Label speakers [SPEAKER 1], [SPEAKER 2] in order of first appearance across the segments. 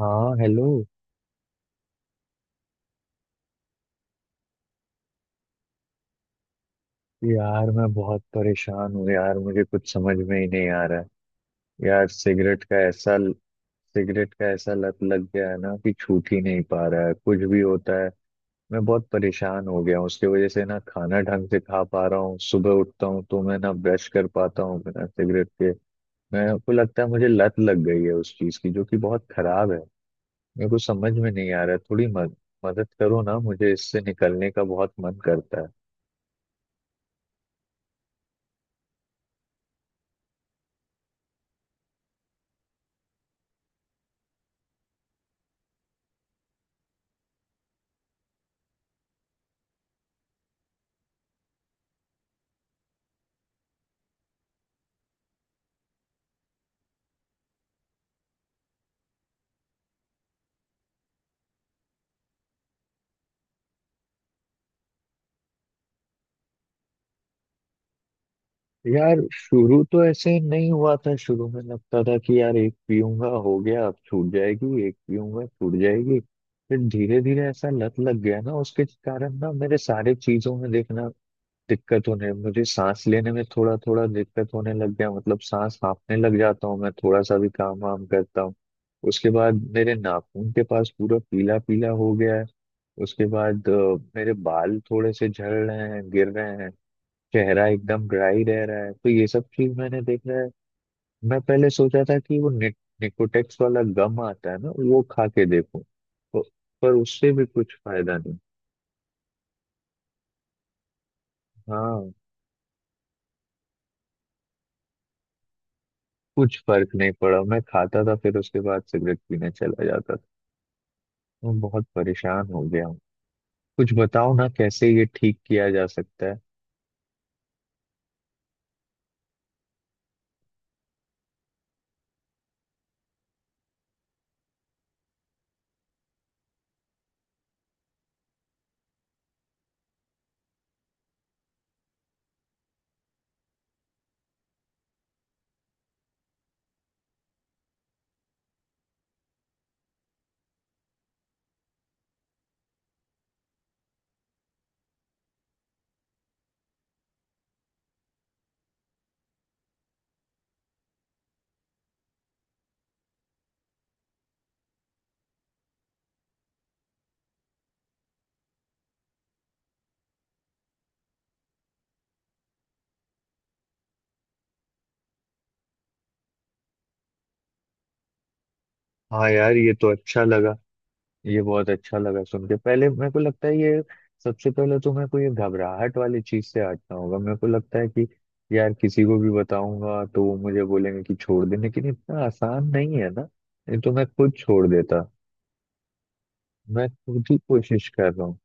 [SPEAKER 1] हाँ हेलो। यार मैं बहुत परेशान हूँ यार, मुझे कुछ समझ में ही नहीं आ रहा है। यार, सिगरेट का ऐसा लत लग गया है ना कि छूट ही नहीं पा रहा है। कुछ भी होता है मैं बहुत परेशान हो गया हूँ उसकी वजह से, ना खाना ढंग से खा पा रहा हूँ, सुबह उठता हूँ तो मैं ना ब्रश कर पाता हूँ बिना सिगरेट के। मेरे को लगता है मुझे लत लग गई है उस चीज की, जो कि बहुत खराब है। मेरे को समझ में नहीं आ रहा है, थोड़ी मदद करो ना, मुझे इससे निकलने का बहुत मन करता है। यार शुरू तो ऐसे नहीं हुआ था, शुरू में लगता था कि यार एक पीऊंगा हो गया अब छूट जाएगी, एक पीऊंगा छूट जाएगी, फिर धीरे धीरे ऐसा लत लग गया ना उसके कारण ना मेरे सारे चीजों में देखना। दिक्कत होने, मुझे सांस लेने में थोड़ा थोड़ा दिक्कत होने लग गया, मतलब सांस हांफने लग जाता हूँ मैं थोड़ा सा भी काम वाम करता हूँ। उसके बाद मेरे नाखून के पास पूरा पीला पीला हो गया है। उसके बाद मेरे बाल थोड़े से झड़ रहे हैं, गिर रहे हैं, चेहरा एकदम ड्राई रह रहा है, तो ये सब चीज मैंने देखा है। मैं पहले सोचा था कि वो निकोटेक्स वाला गम आता है ना, वो खा के देखो तो, पर उससे भी कुछ फायदा नहीं। हाँ, कुछ फर्क नहीं पड़ा, मैं खाता था फिर उसके बाद सिगरेट पीने चला जाता था। मैं बहुत परेशान हो गया हूँ, कुछ बताओ ना कैसे ये ठीक किया जा सकता है। हाँ यार ये तो अच्छा लगा, ये बहुत अच्छा लगा सुन के। पहले मेरे को लगता है ये, सबसे पहले तो मेरे को ये घबराहट वाली चीज से हटना होगा। मेरे को लगता है कि यार किसी को भी बताऊंगा तो वो मुझे बोलेंगे कि छोड़ दे, लेकिन इतना आसान नहीं है ना, नहीं तो मैं खुद छोड़ देता, मैं खुद ही कोशिश कर रहा हूँ।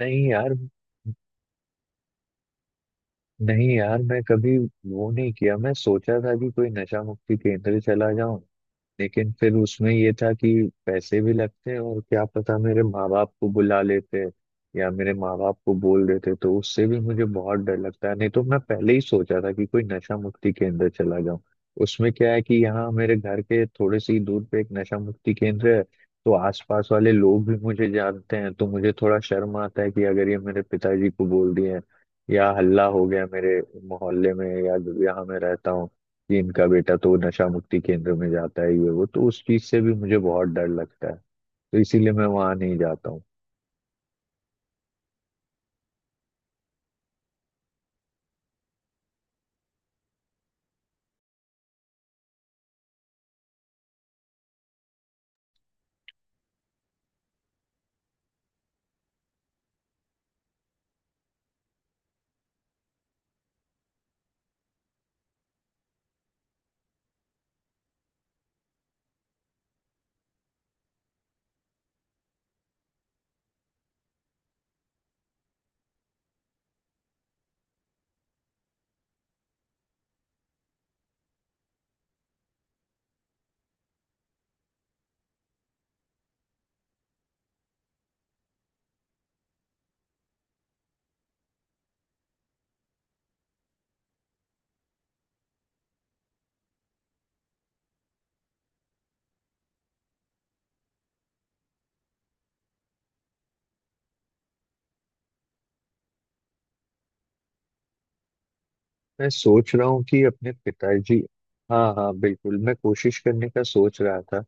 [SPEAKER 1] नहीं यार। नहीं यार, मैं कभी वो नहीं किया। मैं सोचा था कि कोई नशा मुक्ति केंद्र चला जाऊं, लेकिन फिर उसमें ये था कि पैसे भी लगते हैं, और क्या पता मेरे माँ बाप को बुला लेते या मेरे माँ बाप को बोल देते, तो उससे भी मुझे बहुत डर लगता है। नहीं तो मैं पहले ही सोचा था कि कोई नशा मुक्ति केंद्र चला जाऊं। उसमें क्या है कि यहाँ मेरे घर के थोड़े से ही दूर पे एक नशा मुक्ति केंद्र है, तो आसपास वाले लोग भी मुझे जानते हैं, तो मुझे थोड़ा शर्म आता है कि अगर ये मेरे पिताजी को बोल दिए या हल्ला हो गया मेरे मोहल्ले में, या यहाँ मैं रहता हूँ, कि इनका बेटा तो नशा मुक्ति केंद्र में जाता है ये वो, तो उस चीज से भी मुझे बहुत डर लगता है, तो इसीलिए मैं वहां नहीं जाता हूँ। मैं सोच रहा हूँ कि अपने पिताजी, हाँ हाँ बिल्कुल, मैं कोशिश करने का सोच रहा था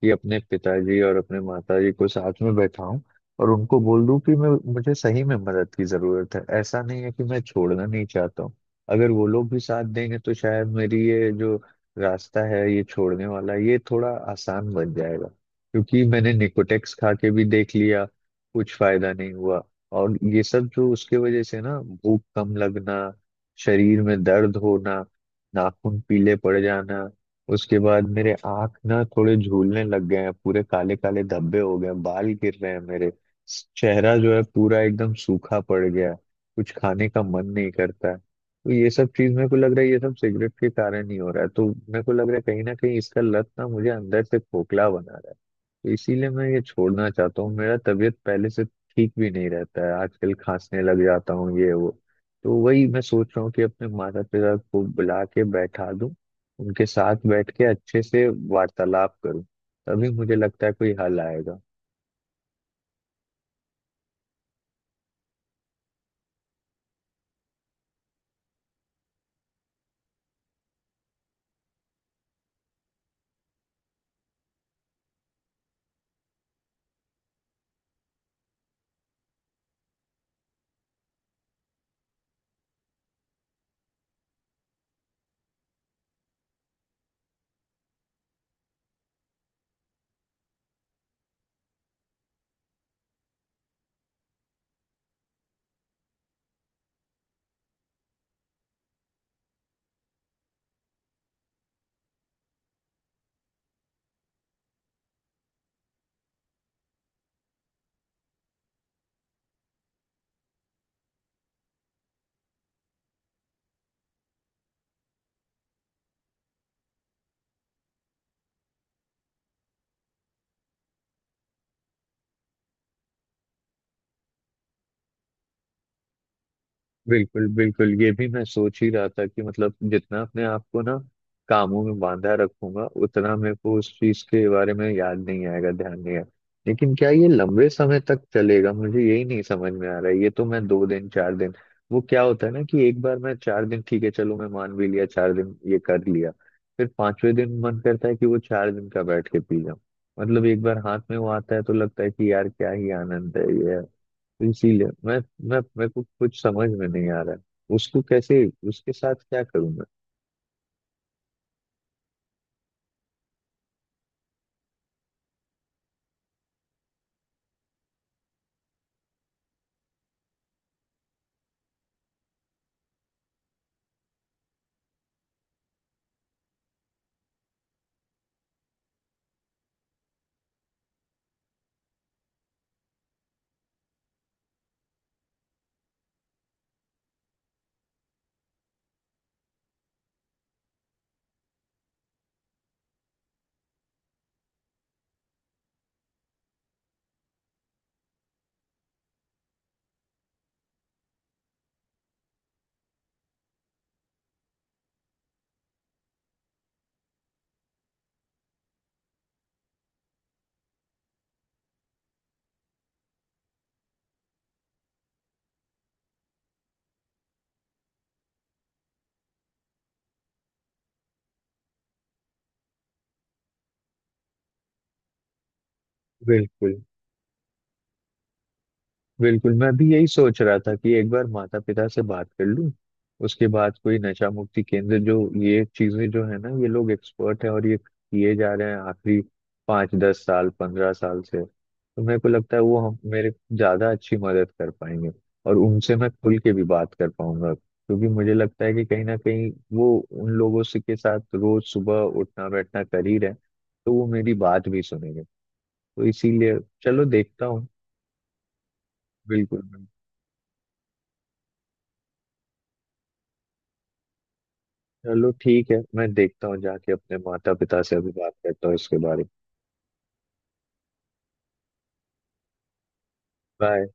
[SPEAKER 1] कि अपने पिताजी और अपने माताजी को साथ में बैठाऊं और उनको बोल दूं कि मैं मुझे सही में मदद की जरूरत है। ऐसा नहीं है कि मैं छोड़ना नहीं चाहता हूँ, अगर वो लोग भी साथ देंगे तो शायद मेरी ये जो रास्ता है ये छोड़ने वाला ये थोड़ा आसान बन जाएगा, क्योंकि मैंने निकोटेक्स खा के भी देख लिया, कुछ फायदा नहीं हुआ। और ये सब जो उसके वजह से ना भूख कम लगना, शरीर में दर्द होना, नाखून पीले पड़ जाना, उसके बाद मेरे आँख ना थोड़े झूलने लग गए हैं, पूरे काले काले धब्बे हो गए हैं, बाल गिर रहे हैं मेरे, चेहरा जो है पूरा एकदम सूखा पड़ गया है, कुछ खाने का मन नहीं करता है। तो ये सब चीज मेरे को लग रहा है ये सब सिगरेट के कारण ही हो रहा है, तो मेरे को लग रहा है कहीं ना कहीं इसका लत ना मुझे अंदर से खोखला बना रहा है, तो इसीलिए मैं ये छोड़ना चाहता हूँ। मेरा तबीयत पहले से ठीक भी नहीं रहता है, आजकल खांसने लग जाता हूँ ये वो। तो वही मैं सोच रहा हूँ कि अपने माता पिता को बुला के बैठा दूं, उनके साथ बैठ के अच्छे से वार्तालाप करूं, तभी मुझे लगता है कोई हल आएगा। बिल्कुल बिल्कुल, ये भी मैं सोच ही रहा था कि मतलब जितना अपने आप को ना कामों में बांधा रखूंगा उतना मेरे को उस चीज के बारे में याद नहीं आएगा, ध्यान नहीं आएगा। लेकिन क्या ये लंबे समय तक चलेगा, मुझे यही नहीं समझ में आ रहा है। ये तो मैं 2 दिन 4 दिन, वो क्या होता है ना कि एक बार मैं 4 दिन ठीक है, चलो मैं मान भी लिया 4 दिन ये कर लिया, फिर पांचवें दिन मन करता है कि वो 4 दिन का बैठ के पी जाऊं। मतलब एक बार हाथ में वो आता है तो लगता है कि यार क्या ही आनंद है ये। इसीलिए मैं मेरे को कुछ समझ में नहीं आ रहा है, उसको कैसे, उसके साथ क्या करूं मैं। बिल्कुल बिल्कुल, मैं भी यही सोच रहा था कि एक बार माता पिता से बात कर लूं, उसके बाद कोई नशा मुक्ति केंद्र जो। ये चीजें जो है ना, ये लोग एक्सपर्ट है और ये किए जा रहे हैं आखिरी 5 10 साल 15 साल से, तो मेरे को लगता है वो हम मेरे ज्यादा अच्छी मदद कर पाएंगे। और उनसे मैं खुल के भी बात कर पाऊंगा, क्योंकि मुझे लगता है कि कहीं ना कहीं वो उन लोगों से के साथ रोज सुबह उठना बैठना कर ही रहे हैं, तो वो मेरी बात भी सुनेंगे। तो इसीलिए चलो देखता हूँ। बिल्कुल। चलो ठीक है, मैं देखता हूँ जाके अपने माता पिता से अभी बात करता हूँ इसके बारे में। बाय।